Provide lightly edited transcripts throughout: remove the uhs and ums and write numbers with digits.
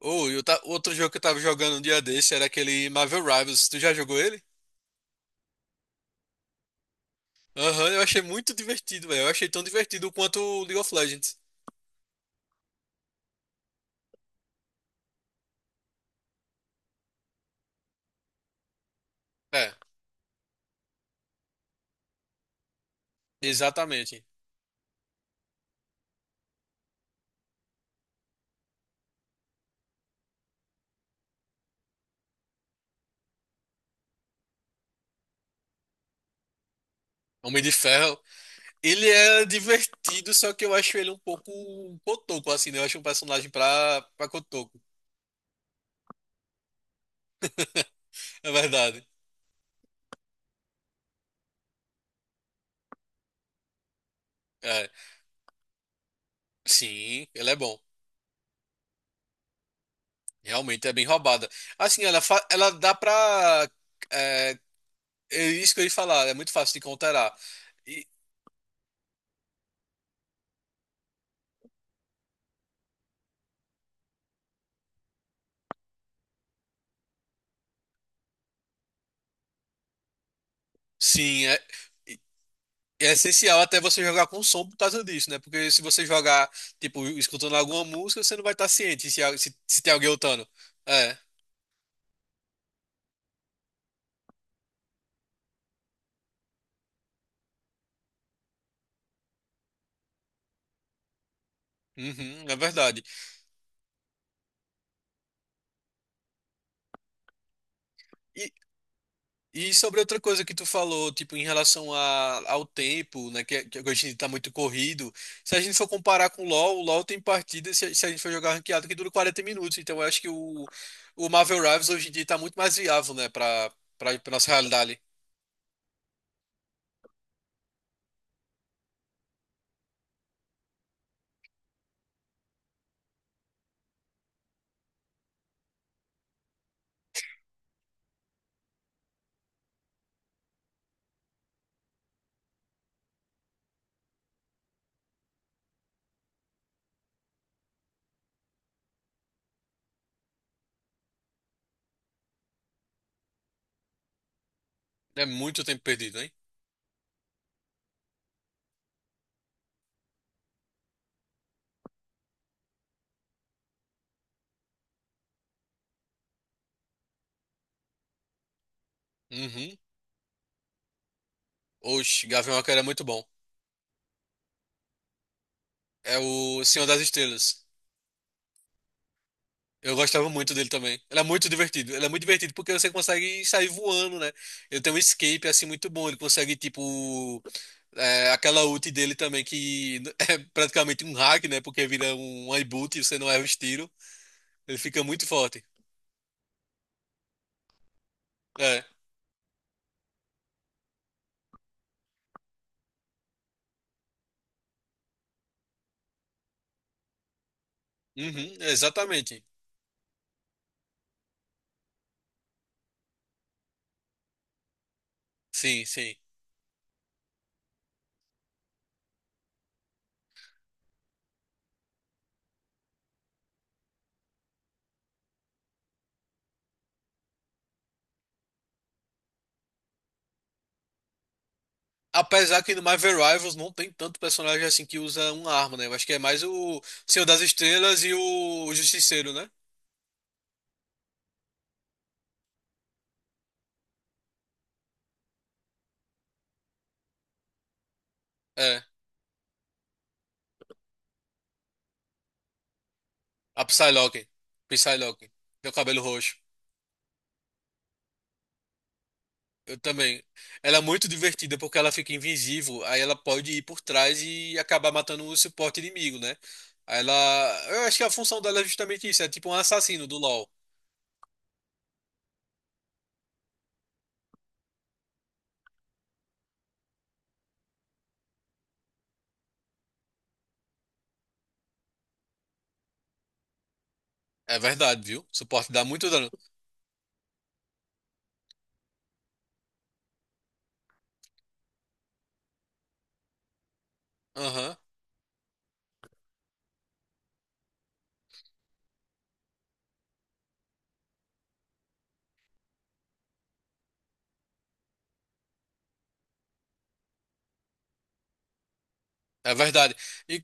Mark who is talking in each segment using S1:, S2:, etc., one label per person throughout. S1: Ou outro jogo que eu tava jogando um dia desse era aquele Marvel Rivals. Tu já jogou ele? Aham, eu achei muito divertido, velho. Eu achei tão divertido quanto o League of Legends. É, exatamente. Homem de Ferro. Ele é divertido, só que eu acho ele um pouco cotoco, assim, né? Eu acho um personagem pra cotoco. É verdade. É. Sim, ele é bom. Realmente é bem roubada. Assim, ela, ela dá pra. É, é isso que eu ia falar, é muito fácil de counterar. E, sim, é. É essencial até você jogar com som por causa disso, né? Porque se você jogar, tipo, escutando alguma música, você não vai estar ciente se, se, se tem alguém lutando. É, uhum, é verdade. E, e sobre outra coisa que tu falou, tipo, em relação a, ao tempo, né? Que hoje em dia tá muito corrido. Se a gente for comparar com o LoL tem partidas, se a gente for jogar ranqueado, que dura 40 minutos. Então eu acho que o Marvel Rivals hoje em dia tá muito mais viável, né? Pra nossa realidade. É muito tempo perdido, hein? Uhum. Oxe, Gavião Arqueiro é muito bom. É o Senhor das Estrelas. Eu gostava muito dele também. Ele é muito divertido. Ele é muito divertido porque você consegue sair voando, né? Ele tem um escape assim muito bom. Ele consegue, tipo, é, aquela ult dele também, que é praticamente um hack, né? Porque vira um iBoot e você não erra os tiros. Ele fica muito forte. É. Uhum, exatamente. Sim, sim. Apesar que no Marvel Rivals não tem tanto personagem assim que usa uma arma, né? Eu acho que é mais o Senhor das Estrelas e o Justiceiro, né? É. A Psylocke. Psylocke. Meu cabelo roxo. Eu também. Ela é muito divertida porque ela fica invisível, aí ela pode ir por trás e acabar matando o suporte inimigo, né? Aí ela. Eu acho que a função dela é justamente isso, é tipo um assassino do LoL. É verdade, viu? O suporte dá muito dano. Aham. É verdade. E,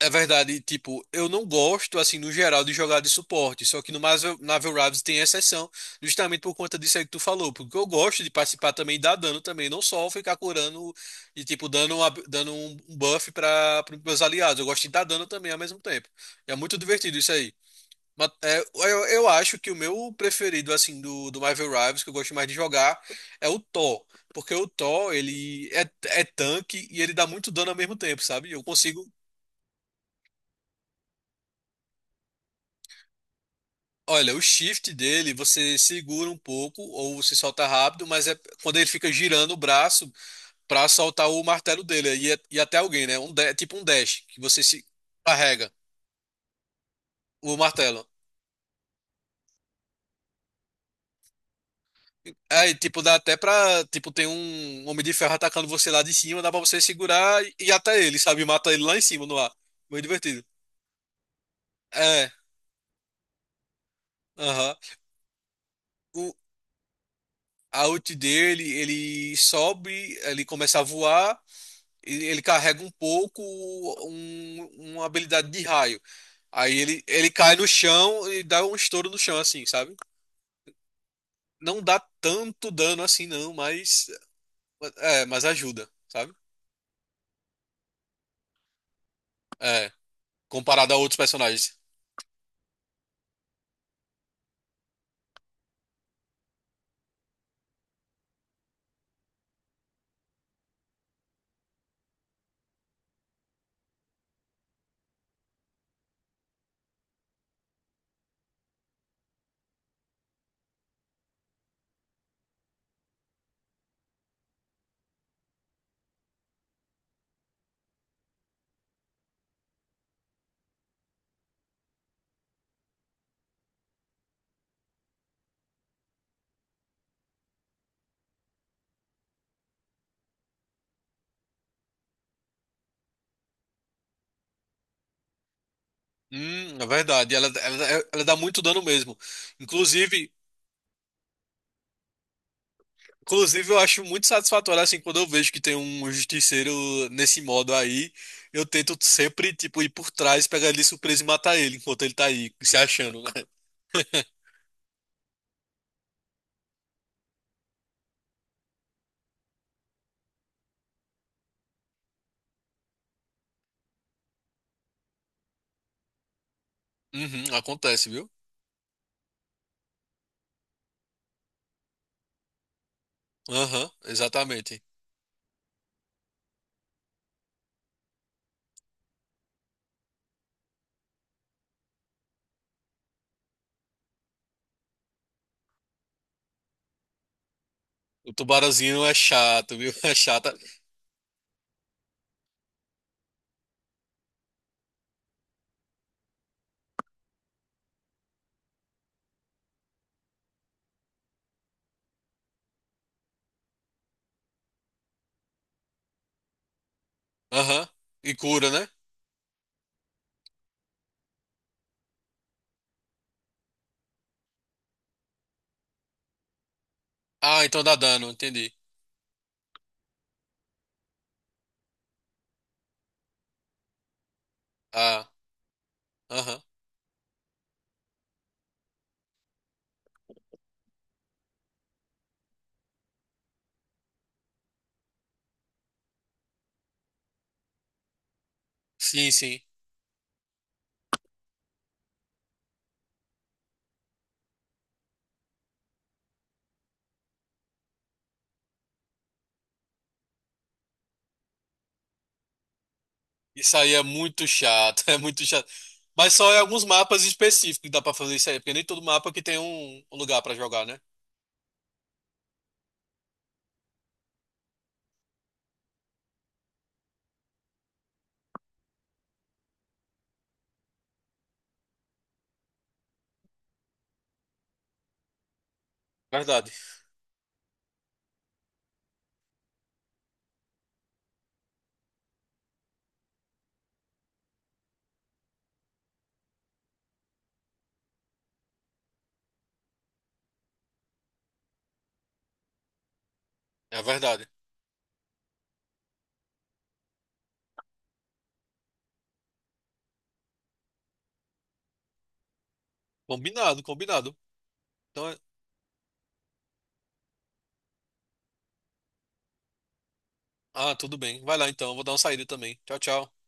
S1: é verdade, e, tipo, eu não gosto, assim, no geral, de jogar de suporte. Só que no Marvel Rivals tem exceção, justamente por conta disso aí que tu falou. Porque eu gosto de participar também e dar dano também, não só ficar curando e, tipo, dando, dando um buff para os meus aliados. Eu gosto de dar dano também ao mesmo tempo. É muito divertido isso aí. Mas, é, eu acho que o meu preferido, assim, do Marvel Rivals, que eu gosto mais de jogar, é o Thor. Porque o Thor, ele é, é tanque e ele dá muito dano ao mesmo tempo, sabe? Eu consigo. Olha, o shift dele, você segura um pouco ou se solta rápido, mas é quando ele fica girando o braço pra soltar o martelo dele. E, e até alguém, né? Um, é tipo um dash, que você se carrega o martelo. Aí, tipo, dá até pra. Tipo, tem um homem de ferro atacando você lá de cima, dá pra você segurar e ir até ele, sabe? Mata ele lá em cima no ar. Muito divertido. É, aham. O A ult dele, ele sobe, ele começa a voar, e ele carrega um pouco um- uma habilidade de raio. Aí ele cai no chão e dá um estouro no chão, assim, sabe? Não dá tanto dano assim, não, mas. É, mas ajuda, sabe? É, comparado a outros personagens. É verdade. Ela dá muito dano mesmo. Inclusive, inclusive, eu acho muito satisfatório assim quando eu vejo que tem um justiceiro nesse modo aí. Eu tento sempre, tipo, ir por trás, pegar ele de surpresa e matar ele enquanto ele tá aí, se achando, né? Uhum, acontece, viu? Aham, exatamente. O tubarãozinho é chato, viu? É chata. Aham. E cura, né? Ah, então dá dano, entendi. Ah, aham. Sim, sim. Isso aí é muito chato, é muito chato. Mas só em alguns mapas específicos que dá pra fazer isso aí, porque nem todo mapa que tem um lugar pra jogar, né? Verdade, é verdade. Combinado, combinado. Então, ah, tudo bem. Vai lá então, eu vou dar uma saída também. Tchau, tchau.